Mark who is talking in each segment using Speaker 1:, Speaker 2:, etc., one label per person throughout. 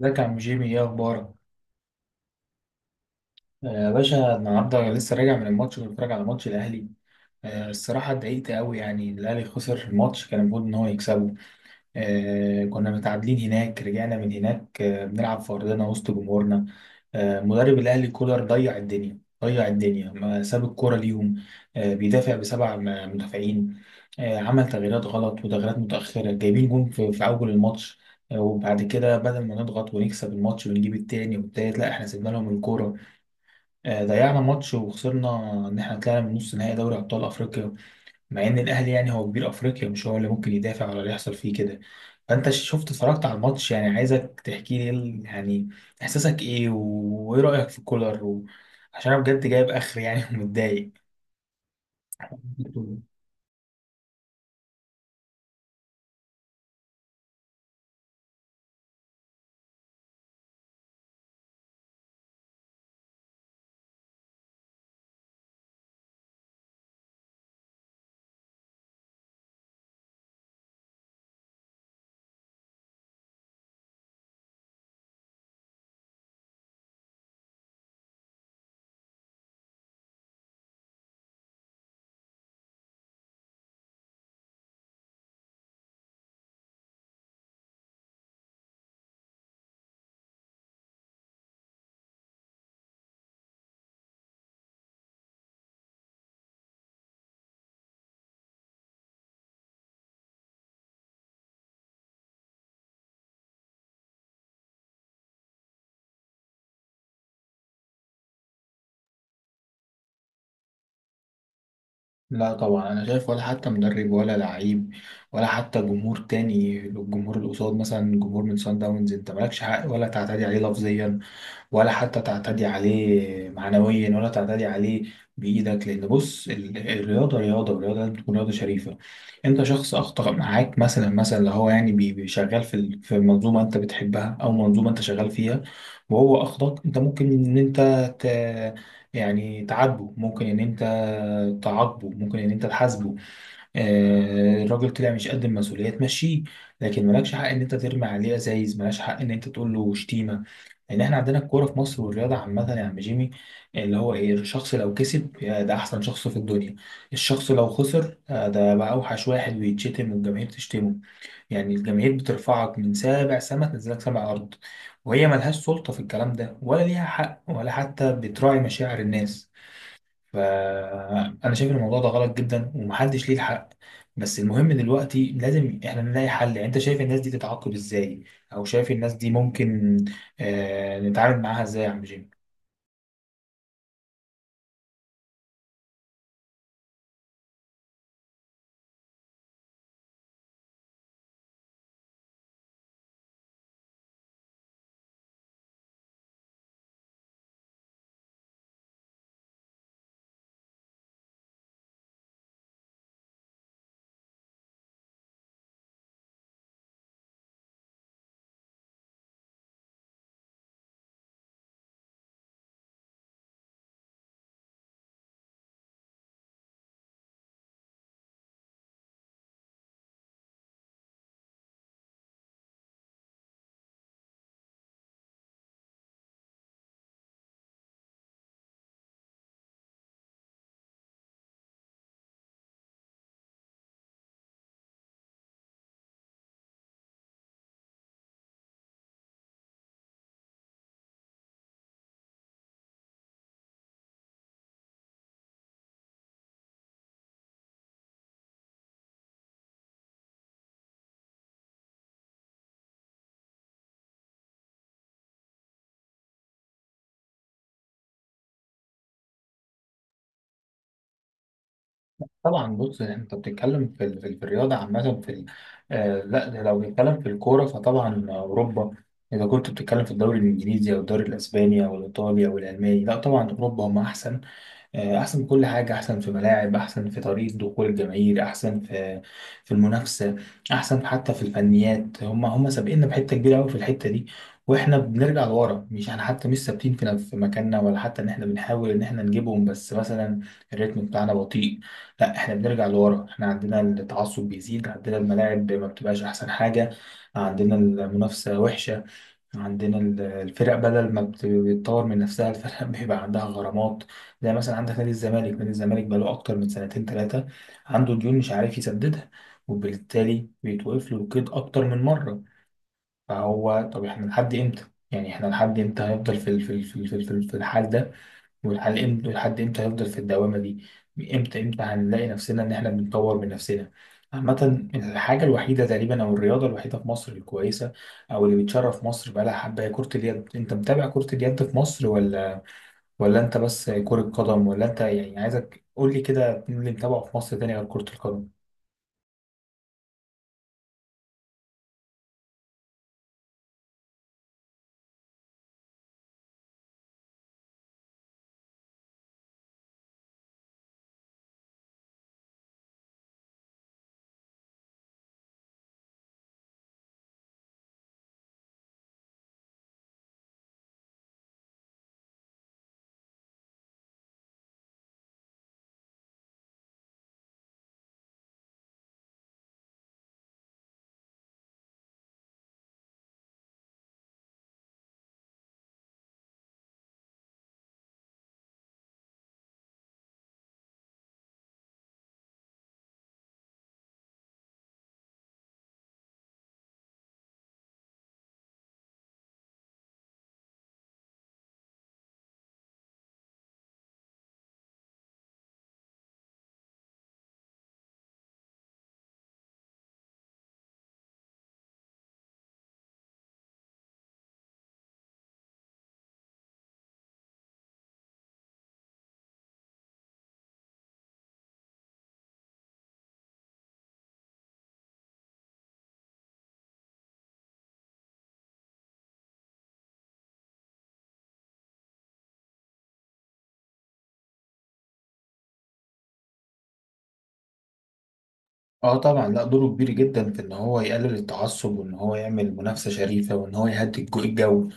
Speaker 1: ازيك يا عم جيمي، ايه اخبارك؟ يا باشا، النهارده لسه راجع من الماتش. كنت بتفرج على ماتش الاهلي. الصراحه اتضايقت قوي، يعني الاهلي خسر الماتش، كان المفروض ان هو يكسبه. كنا متعادلين هناك، رجعنا من هناك. بنلعب في أرضنا وسط جمهورنا. مدرب الأهلي كولر ضيع الدنيا. ضيع الدنيا، ما ساب الكورة ليهم. بيدافع بسبع مدافعين. عمل تغييرات غلط وتغييرات متأخرة، جايبين جون في أول الماتش. وبعد كده بدل ما نضغط ونكسب الماتش ونجيب التاني والتالت، لا احنا سيبنا لهم الكورة. ضيعنا ماتش وخسرنا، إن احنا طلعنا من نص نهائي دوري أبطال أفريقيا، مع ان الاهلي يعني هو كبير افريقيا، مش هو اللي ممكن يدافع ولا اللي يحصل فيه كده. فانت شفت، اتفرجت على الماتش، يعني عايزك تحكي لي إيه يعني احساسك ايه وايه رايك في كولر عشان انا بجد جايب اخر يعني ومتضايق. لا طبعا، انا شايف ولا حتى مدرب ولا لعيب ولا حتى جمهور تاني. الجمهور اللي قصاد، مثلا جمهور من سان داونز، انت مالكش حق ولا تعتدي عليه لفظيا، ولا حتى تعتدي عليه معنويا، ولا تعتدي عليه بإيدك. لأن بص، الرياضة رياضة، والرياضة لازم تكون رياضة شريفة. أنت شخص أخطأ معاك، مثلا مثلا اللي هو يعني شغال في في منظومة أنت بتحبها أو منظومة أنت شغال فيها، وهو أخطأك. أنت ممكن إن أنت ت... يعني تعاتبه، ممكن إن أنت تعاقبه، ممكن إن أنت تحاسبه. الراجل طلع مش قد المسؤولية، تمشيه. لكن مالكش حق إن أنت ترمي عليه أزايز، مالكش حق إن أنت تقول له شتيمة. لان احنا عندنا الكوره في مصر والرياضه عامه يا عم جيمي، اللي هو ايه؟ الشخص لو كسب، يا ده احسن شخص في الدنيا. الشخص لو خسر، ده بقى اوحش واحد، ويتشتم والجماهير تشتمه. يعني الجماهير بترفعك من سابع سما، تنزلك سابع ارض، وهي ملهاش سلطه في الكلام ده، ولا ليها حق، ولا حتى بتراعي مشاعر الناس. فأنا شايف إن الموضوع ده غلط جدا، ومحدش ليه الحق. بس المهم دلوقتي لازم إحنا نلاقي حل. يعني أنت شايف الناس دي تتعاقب إزاي، أو شايف الناس دي ممكن نتعامل معاها إزاي يا عم جيم؟ طبعا. بص، أنت بتتكلم في في الرياضة عامة، في لا، ده لو بنتكلم في الكورة فطبعا أوروبا. إذا كنت بتتكلم في الدوري الإنجليزي أو الدوري الأسباني أو الإيطالي أو الألماني، لا طبعا أوروبا هم أحسن. احسن في كل حاجه، احسن في ملاعب، احسن في طريقه دخول الجماهير، احسن في المنافسه، احسن حتى في الفنيات. هم سابقيننا بحته كبيره قوي في الحته دي، واحنا بنرجع لورا. مش احنا حتى مش ثابتين في في مكاننا، ولا حتى ان احنا بنحاول ان احنا نجيبهم، بس مثلا الريتم بتاعنا بطيء. لا احنا بنرجع لورا، احنا عندنا التعصب بيزيد، عندنا الملاعب ما بتبقاش احسن حاجه، عندنا المنافسه وحشه، عندنا الفرق بدل ما بتطور من نفسها، الفرق بيبقى عندها غرامات. زي مثلا عندك نادي الزمالك. نادي الزمالك بقاله أكتر من سنتين ثلاثة، عنده ديون مش عارف يسددها، وبالتالي بيتوقف له القيد أكتر من مرة. فهو طب احنا لحد إمتى؟ يعني احنا لحد إمتى هيفضل في في الحال ده؟ ولحد امتى، ولحد امتى هنفضل في الدوامة دي؟ امتى امتى هنلاقي نفسنا ان احنا بنطور من نفسنا؟ عامة، الحاجة الوحيدة تقريبا، او الرياضة الوحيدة في مصر الكويسة، او اللي بتشرف مصر بقالها حبة هي كرة اليد. انت متابع كرة اليد في مصر، ولا انت بس كرة قدم؟ ولا انت يعني، عايزك قول لي كده، مين اللي متابعه في مصر تاني غير كرة القدم؟ اه طبعا، لا دوره كبير جدا في ان هو يقلل التعصب، وان هو يعمل منافسة شريفة، وان هو يهدي الجو.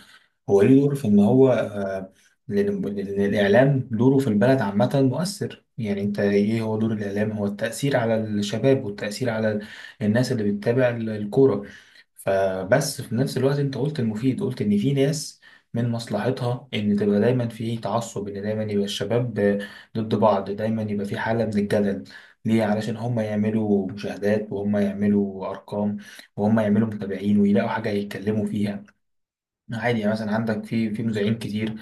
Speaker 1: هو ليه دور في ان هو لأن الاعلام دوره في البلد عامه مؤثر. يعني انت ايه هو دور الاعلام؟ هو التاثير على الشباب، والتاثير على الناس اللي بتتابع الكوره. فبس في نفس الوقت، انت قلت المفيد، قلت ان في ناس من مصلحتها ان تبقى دايما في تعصب، ان دايما يبقى الشباب ضد بعض، دايما يبقى في حاله من الجدل. ليه؟ علشان هم يعملوا مشاهدات، وهم يعملوا ارقام، وهم يعملوا متابعين، ويلاقوا حاجه يتكلموا فيها. عادي. يعني مثلا عندك في مذيعين كتير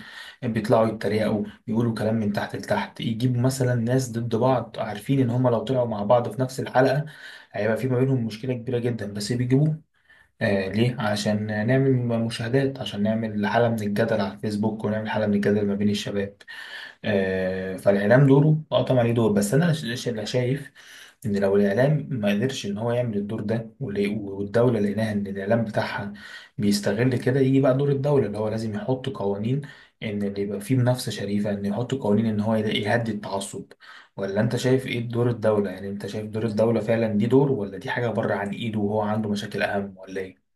Speaker 1: بيطلعوا يتريقوا، يقولوا كلام من تحت لتحت، يجيبوا مثلا ناس ضد بعض، عارفين ان هم لو طلعوا مع بعض في نفس الحلقة هيبقى في ما بينهم مشكلة كبيرة جدا، بس بيجيبوه. ليه؟ عشان نعمل مشاهدات، عشان نعمل حالة من الجدل على الفيسبوك، ونعمل حالة من الجدل ما بين الشباب. فالاعلام دوره اه طبعا ليه دور. بس انا اللي شايف ان لو الاعلام ما قدرش ان هو يعمل الدور ده، والدوله لقيناها ان الاعلام بتاعها بيستغل كده، يجي بقى دور الدوله، اللي هو لازم يحط قوانين. ان اللي يبقى فيه منافسه شريفه، ان يحط قوانين ان هو يهدي التعصب. ولا انت شايف ايه دور الدوله؟ يعني انت شايف دور الدوله فعلا دي دور، ولا دي حاجه بره عن ايده وهو عنده مشاكل اهم، ولا ايه؟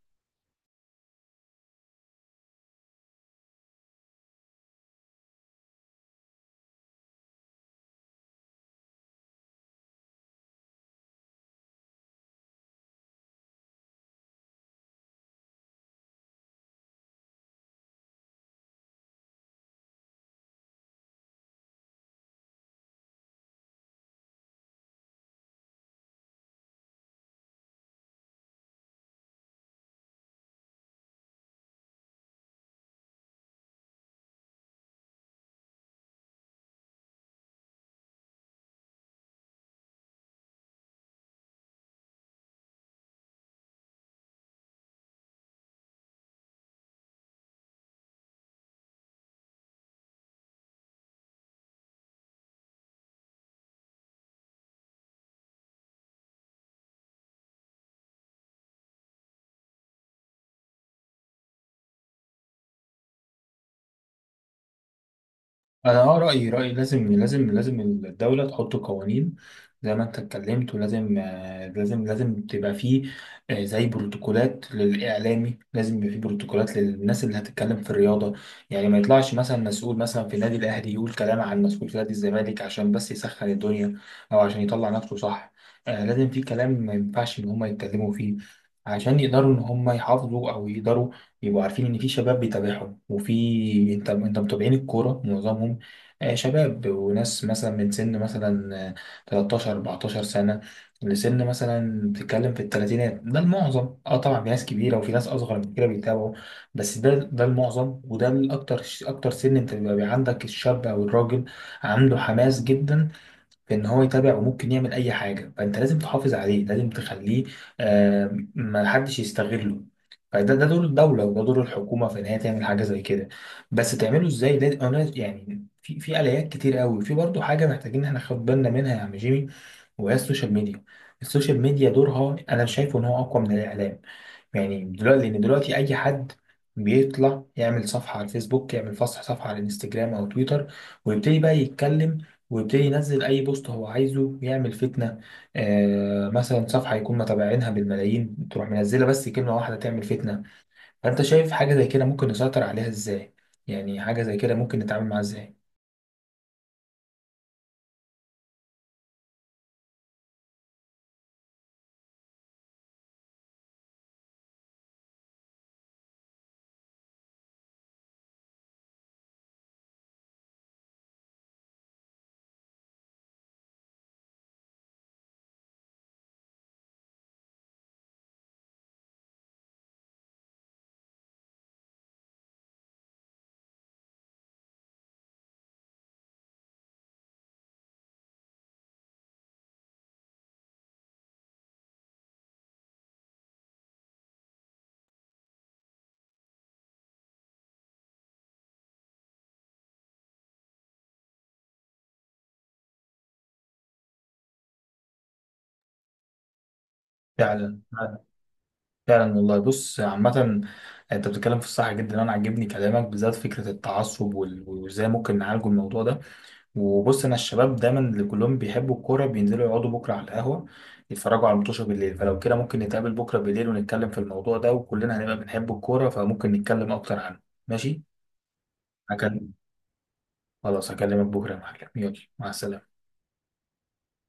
Speaker 1: انا رايي لازم لازم لازم الدوله تحط قوانين، زي ما انت اتكلمت. ولازم لازم لازم تبقى فيه زي بروتوكولات للاعلامي، لازم يبقى فيه بروتوكولات للناس اللي هتتكلم في الرياضه. يعني ما يطلعش مثلا مسؤول مثلا في نادي الاهلي يقول كلام عن مسؤول في نادي الزمالك عشان بس يسخن الدنيا، او عشان يطلع نفسه صح. لازم في كلام ما ينفعش ان هم يتكلموا فيه، عشان يقدروا ان هم يحافظوا، او يقدروا يبقوا عارفين ان في شباب بيتابعهم. وفي انت متابعين الكوره معظمهم شباب وناس، مثلا من سن، مثلا 13 14 سنة، لسن مثلا بتتكلم في الثلاثينات. ده المعظم، اه طبعا في ناس كبيرة وفي ناس أصغر من كده بيتابعوا، بس ده المعظم، وده الأكتر. أكتر سن أنت بيبقى عندك الشاب أو الراجل، عنده حماس جدا في ان هو يتابع وممكن يعمل اي حاجه، فانت لازم تحافظ عليه، لازم تخليه ما حدش يستغله. فده دور الدوله، وده دور الحكومه في ان هي تعمل حاجه زي كده. بس تعمله ازاي ده؟ انا يعني في اليات كتير قوي. في برضه حاجه محتاجين احنا ناخد بالنا منها يا عم جيمي، وهي السوشيال ميديا. السوشيال ميديا دورها انا شايفه ان هو اقوى من الاعلام. يعني دلوقتي، لان دلوقتي اي حد بيطلع يعمل صفحه على الفيسبوك، يعمل فصح صفحه على الانستجرام او تويتر، ويبتدي بقى يتكلم، ويبتدي ينزل اي بوست هو عايزه، يعمل فتنه. مثلا صفحه يكون متابعينها بالملايين، تروح منزله بس كلمه واحده تعمل فتنه. فانت شايف حاجه زي كده ممكن نسيطر عليها ازاي؟ يعني حاجه زي كده ممكن نتعامل معاها ازاي؟ فعلا، فعلا والله. بص عامة، انت بتتكلم في الصح جدا، انا عاجبني كلامك، بالذات فكرة التعصب وازاي ممكن نعالجه الموضوع ده. وبص، انا الشباب دايما اللي كلهم بيحبوا الكوره بينزلوا يقعدوا بكره على القهوه، يتفرجوا على المطوشه بالليل، فلو كده ممكن نتقابل بكره بالليل ونتكلم في الموضوع ده، وكلنا هنبقى بنحب الكوره فممكن نتكلم اكتر عنه. ماشي. هكلم، خلاص هكلمك بكره يا معلم، يلا، مع السلامه.